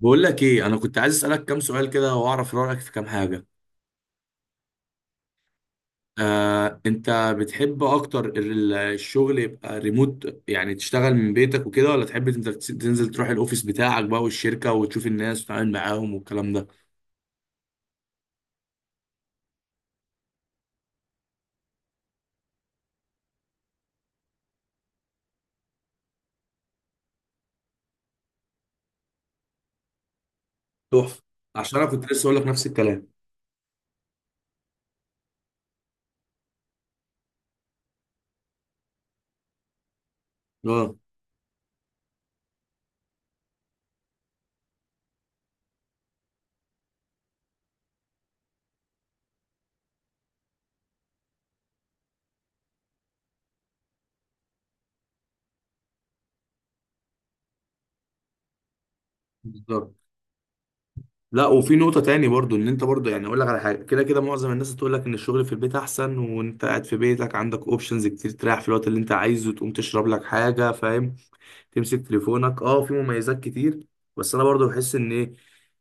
بقول لك ايه، انا كنت عايز اسالك كام سؤال كده واعرف رايك في كام حاجه. آه، انت بتحب اكتر الشغل يبقى ريموت، يعني تشتغل من بيتك وكده، ولا تحب انت تنزل تروح الاوفيس بتاعك بقى والشركه وتشوف الناس وتتعامل معاهم والكلام ده؟ تحفه، عشان انا كنت لسه اقول لك نفس الكلام. اه، بالظبط. لا، وفي نقطه تاني برضو، ان انت برضو يعني اقول لك على حاجه، كده كده معظم الناس تقول لك ان الشغل في البيت احسن، وانت قاعد في بيتك عندك اوبشنز كتير، تريح في الوقت اللي انت عايزه، تقوم تشرب لك حاجه، فاهم؟ تمسك تليفونك، اه في مميزات كتير. بس انا برضو بحس ان ايه،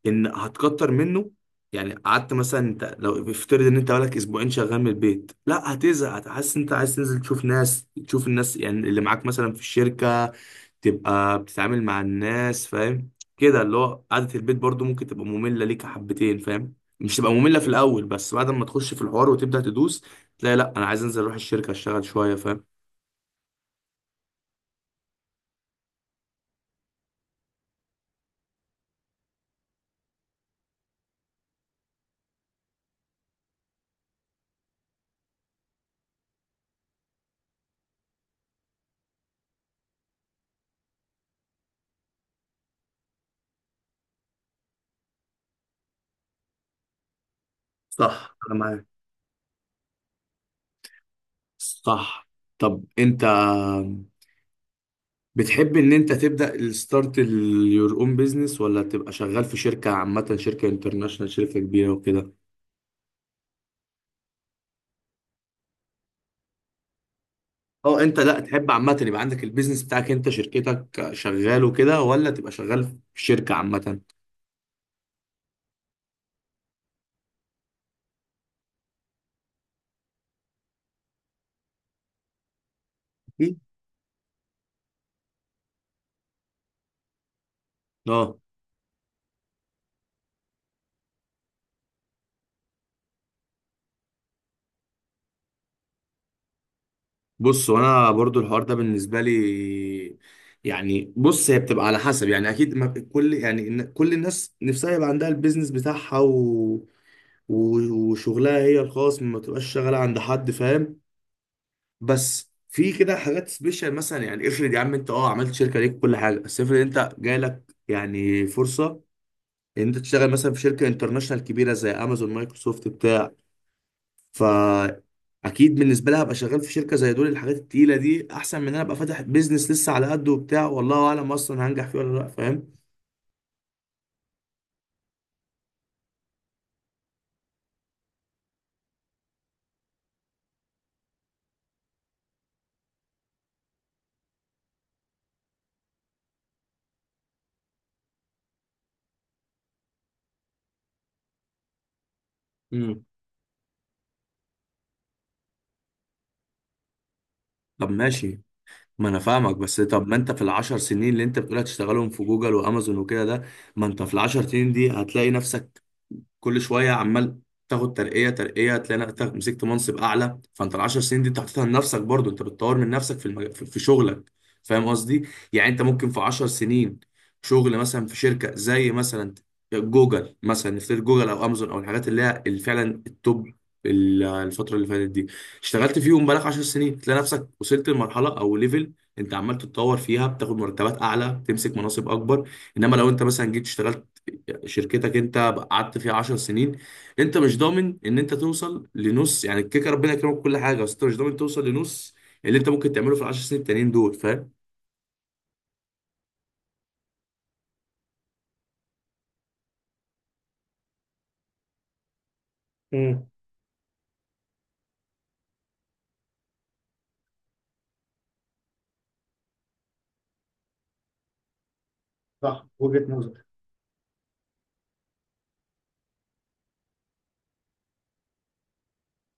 ان هتكتر منه. يعني قعدت مثلا، انت لو افترض ان انت بقالك اسبوعين شغال من البيت، لا هتزهق، هتحس انت عايز تنزل تشوف ناس، تشوف الناس يعني اللي معاك مثلا في الشركة، تبقى بتتعامل مع الناس، فاهم كده؟ اللي هو قعدة البيت برضو ممكن تبقى مملة ليك حبتين، فاهم؟ مش تبقى مملة في الاول، بس بعد ما تخش في الحوار وتبدأ تدوس، تلاقي لا انا عايز انزل اروح الشركة اشتغل شوية، فاهم؟ صح، انا معاك. صح. طب انت بتحب ان انت تبدأ الستارت يور اون بيزنس، ولا تبقى شغال في شركة عامة، شركة انترناشونال، شركة كبيرة وكده؟ اه انت لا تحب عامة، يبقى عندك البيزنس بتاعك انت، شركتك شغال وكده، ولا تبقى شغال في شركة عامة؟ أكيد. اه، بص وانا برضو الحوار ده بالنسبه لي، يعني بص هي بتبقى على حسب، يعني اكيد ما كل يعني كل الناس نفسها يبقى عندها البيزنس بتاعها، وشغلها هي الخاص، ما تبقاش شغاله عند حد، فاهم؟ بس في كده حاجات سبيشال مثلا، يعني افرض يا عم انت اه عملت شركه ليك كل حاجه، بس افرض انت جاي لك يعني فرصه ان انت تشتغل مثلا في شركه انترناشونال كبيره زي امازون، مايكروسوفت، بتاع. فا اكيد بالنسبه لها ابقى شغال في شركه زي دول، الحاجات التقيله دي احسن من ان انا ابقى فاتح بيزنس لسه على قده وبتاع، والله اعلم اصلا هنجح فيه ولا لا، فاهم؟ امم. طب ماشي، ما انا فاهمك، بس طب ما انت في العشر سنين اللي انت بتقول هتشتغلهم في جوجل وامازون وكده ده، ما انت في العشر سنين دي هتلاقي نفسك كل شويه عمال تاخد ترقيه ترقيه، تلاقي نفسك مسكت منصب اعلى، فانت العشر سنين دي انت حاططها لنفسك برضو، انت بتطور من نفسك في المج... في في شغلك، فاهم قصدي؟ يعني انت ممكن في عشر سنين شغل مثلا في شركه زي مثلا جوجل، مثلا نفترض جوجل او امازون، او الحاجات اللي هي اللي فعلا التوب الفتره اللي فاتت دي، اشتغلت فيهم بقالك 10 سنين، تلاقي نفسك وصلت لمرحله او ليفل انت عمال تتطور فيها، بتاخد مرتبات اعلى، بتمسك مناصب اكبر. انما لو انت مثلا جيت اشتغلت شركتك انت، قعدت فيها 10 سنين، انت مش ضامن ان انت توصل لنص يعني الكيكه، ربنا يكرمك كل حاجه، بس انت مش ضامن توصل لنص اللي انت ممكن تعمله في العشر سنين التانيين دول، فاهم؟ امم. صح، وجهة نظر.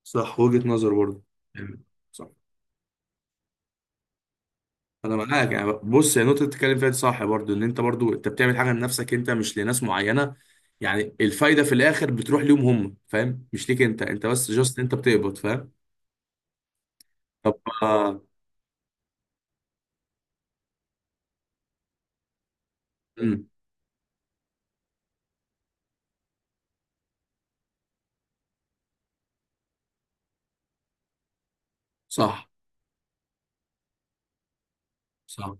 صح، وجهة نظر برضه. أمم. صح. انا معاك، يعني بص هي النقطه اللي بتتكلم فيها دي صح برضه، ان انت برضه انت بتعمل حاجه لنفسك انت، مش لناس معينه، يعني الفايده في الاخر بتروح ليهم هم، فاهم؟ مش ليك انت، انت بس جاست انت بتقبض، فاهم؟ طب آه. مم. صح. صح.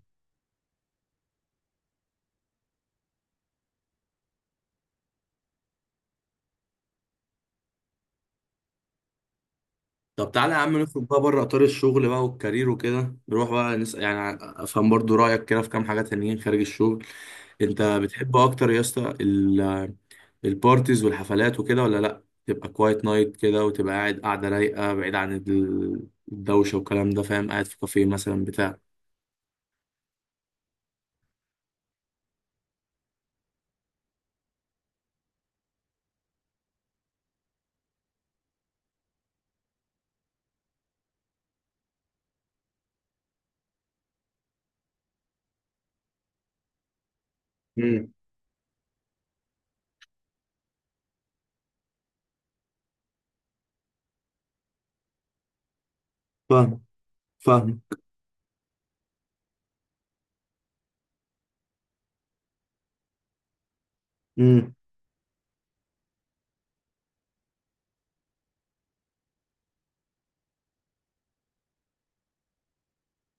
طب تعالى يا عم نخرج بقى بره اطار الشغل بقى والكارير وكده، نروح بقى نسأل يعني افهم برضو رايك كده في كام حاجه تانيين خارج الشغل. انت بتحب اكتر يا اسطى البارتيز والحفلات وكده، ولا لا تبقى كوايت نايت كده، وتبقى قاعد، قاعده رايقه بعيد عن الدوشه والكلام ده، فاهم؟ قاعد في كافيه مثلا بتاع. امم. فاهم. فاهم. امم.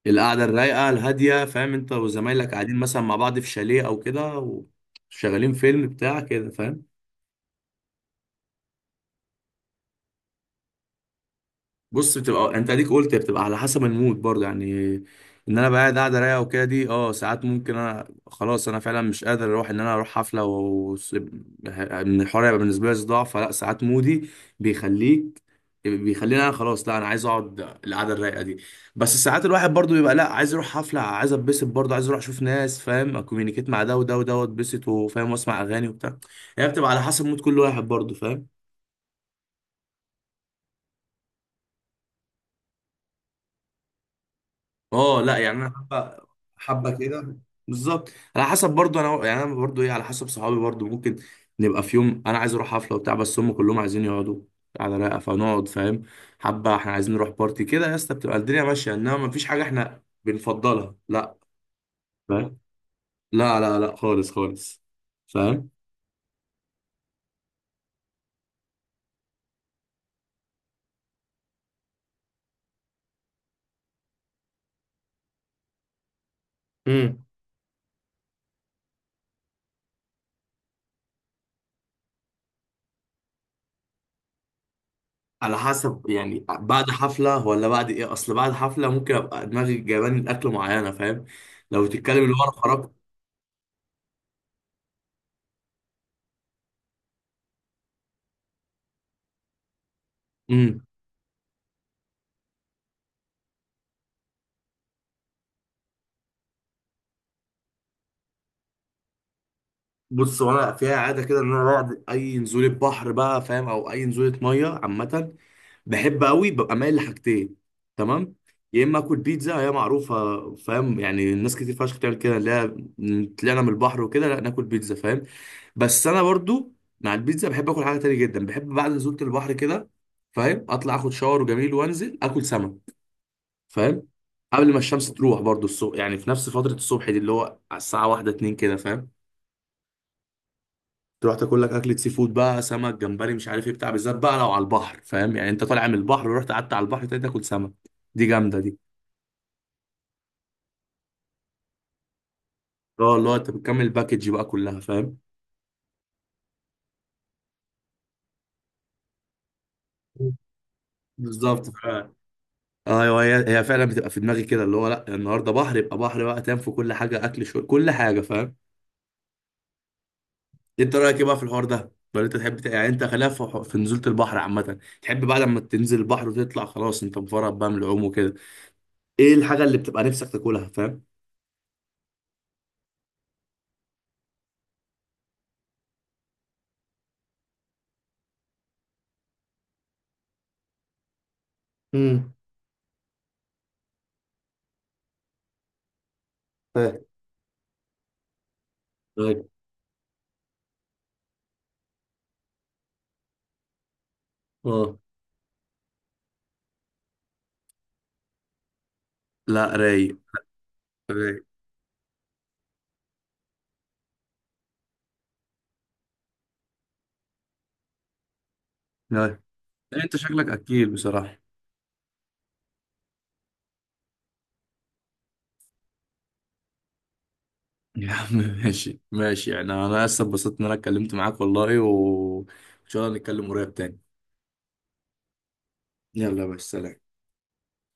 القعده الرايقه الهاديه، فاهم، انت وزمايلك قاعدين مثلا مع بعض في شاليه او كده، وشغالين فيلم بتاع كده، فاهم؟ بص بتبقى آه، انت اديك قلت بتبقى على حسب المود برضه، يعني ان انا بقى قاعد رايقه وكده دي، اه ساعات ممكن انا خلاص انا فعلا مش قادر اروح، ان انا اروح حفله و ان الحوار يبقى بالنسبه لي صداع، فلا ساعات مودي بيخليك، بيخليني انا خلاص لا انا عايز اقعد القعده الرايقه دي. بس ساعات الواحد برضه بيبقى لا عايز اروح حفله، عايز اتبسط برضه، عايز اروح اشوف ناس، فاهم، اكومينيكيت مع ده وده وده، واتبسط، وفاهم، واسمع اغاني وبتاع. هي بتبقى على حسب مود كل واحد برضه، فاهم؟ اه لا، يعني انا حبه حبه كده، بالظبط. على حسب برضو، انا يعني انا برضو ايه، على حسب صحابي برضو، ممكن نبقى في يوم انا عايز اروح حفله وبتاع، بس هم كلهم عايزين يقعدوا على رايقه، فنقعد، فاهم؟ حبه احنا عايزين نروح بارتي كده يا اسطى، بتبقى الدنيا ماشيه، انما مفيش حاجه احنا بنفضلها، لا. فاهم؟ لا لا لا، خالص خالص. فاهم؟ امم. على حسب، يعني بعد حفلة ولا بعد ايه؟ اصل بعد حفلة ممكن ابقى دماغي جايباني الاكل معينة، فاهم؟ لو تتكلم اللي هو انا خرجت. مم. بص وانا فيها عاده كده، ان انا بعد اي نزوله بحر بقى، فاهم، او اي نزوله ميه عامه، بحب قوي، ببقى مايل لحاجتين، تمام؟ يا اما اكل بيتزا، هي معروفه، فاهم، يعني الناس كتير فشخ بتعمل كده، اللي هي طلعنا من البحر وكده، لا ناكل بيتزا، فاهم؟ بس انا برضو مع البيتزا بحب اكل حاجه تانية جدا، بحب بعد نزوله البحر كده، فاهم، اطلع اخد شاور وجميل، وانزل اكل سمك، فاهم؟ قبل ما الشمس تروح برضو الصبح، يعني في نفس فتره الصبح دي، اللي هو على الساعه واحدة اتنين كده، فاهم، تروح تاكل لك اكله سي فود بقى، سمك، جمبري، مش عارف ايه، بتاع، بالذات بقى لو على البحر، فاهم، يعني انت طالع من البحر ورحت قعدت على البحر تاني تاكل سمك، دي جامده دي. اه اللي هو انت بتكمل الباكج بقى كلها، فاهم؟ بالظبط فعلا. ايوه، هي فعلا بتبقى في دماغي كده، اللي هو لا النهارده بحر، يبقى بحر بقى، تنام في كل حاجه، اكل شويه، كل حاجه، فاهم؟ انت رايك ايه بقى في الحوار ده، ولا انت تحب يعني انت خلاف في نزوله البحر عامه؟ تحب بقى لما تنزل البحر وتطلع خلاص انت مفرط بقى من العوم وكده، ايه الحاجه اللي بتبقى نفسك تاكلها، فاهم؟ امم. طيب. طيب. اه لا. رايق. رايق. لا، انت شكلك اكيل بصراحة. يا عم ماشي، ماشي، يعني انا لسه اتبسطت ان انا اتكلمت معاك والله، وان شاء الله نتكلم قريب تاني. يلا بس، سلام.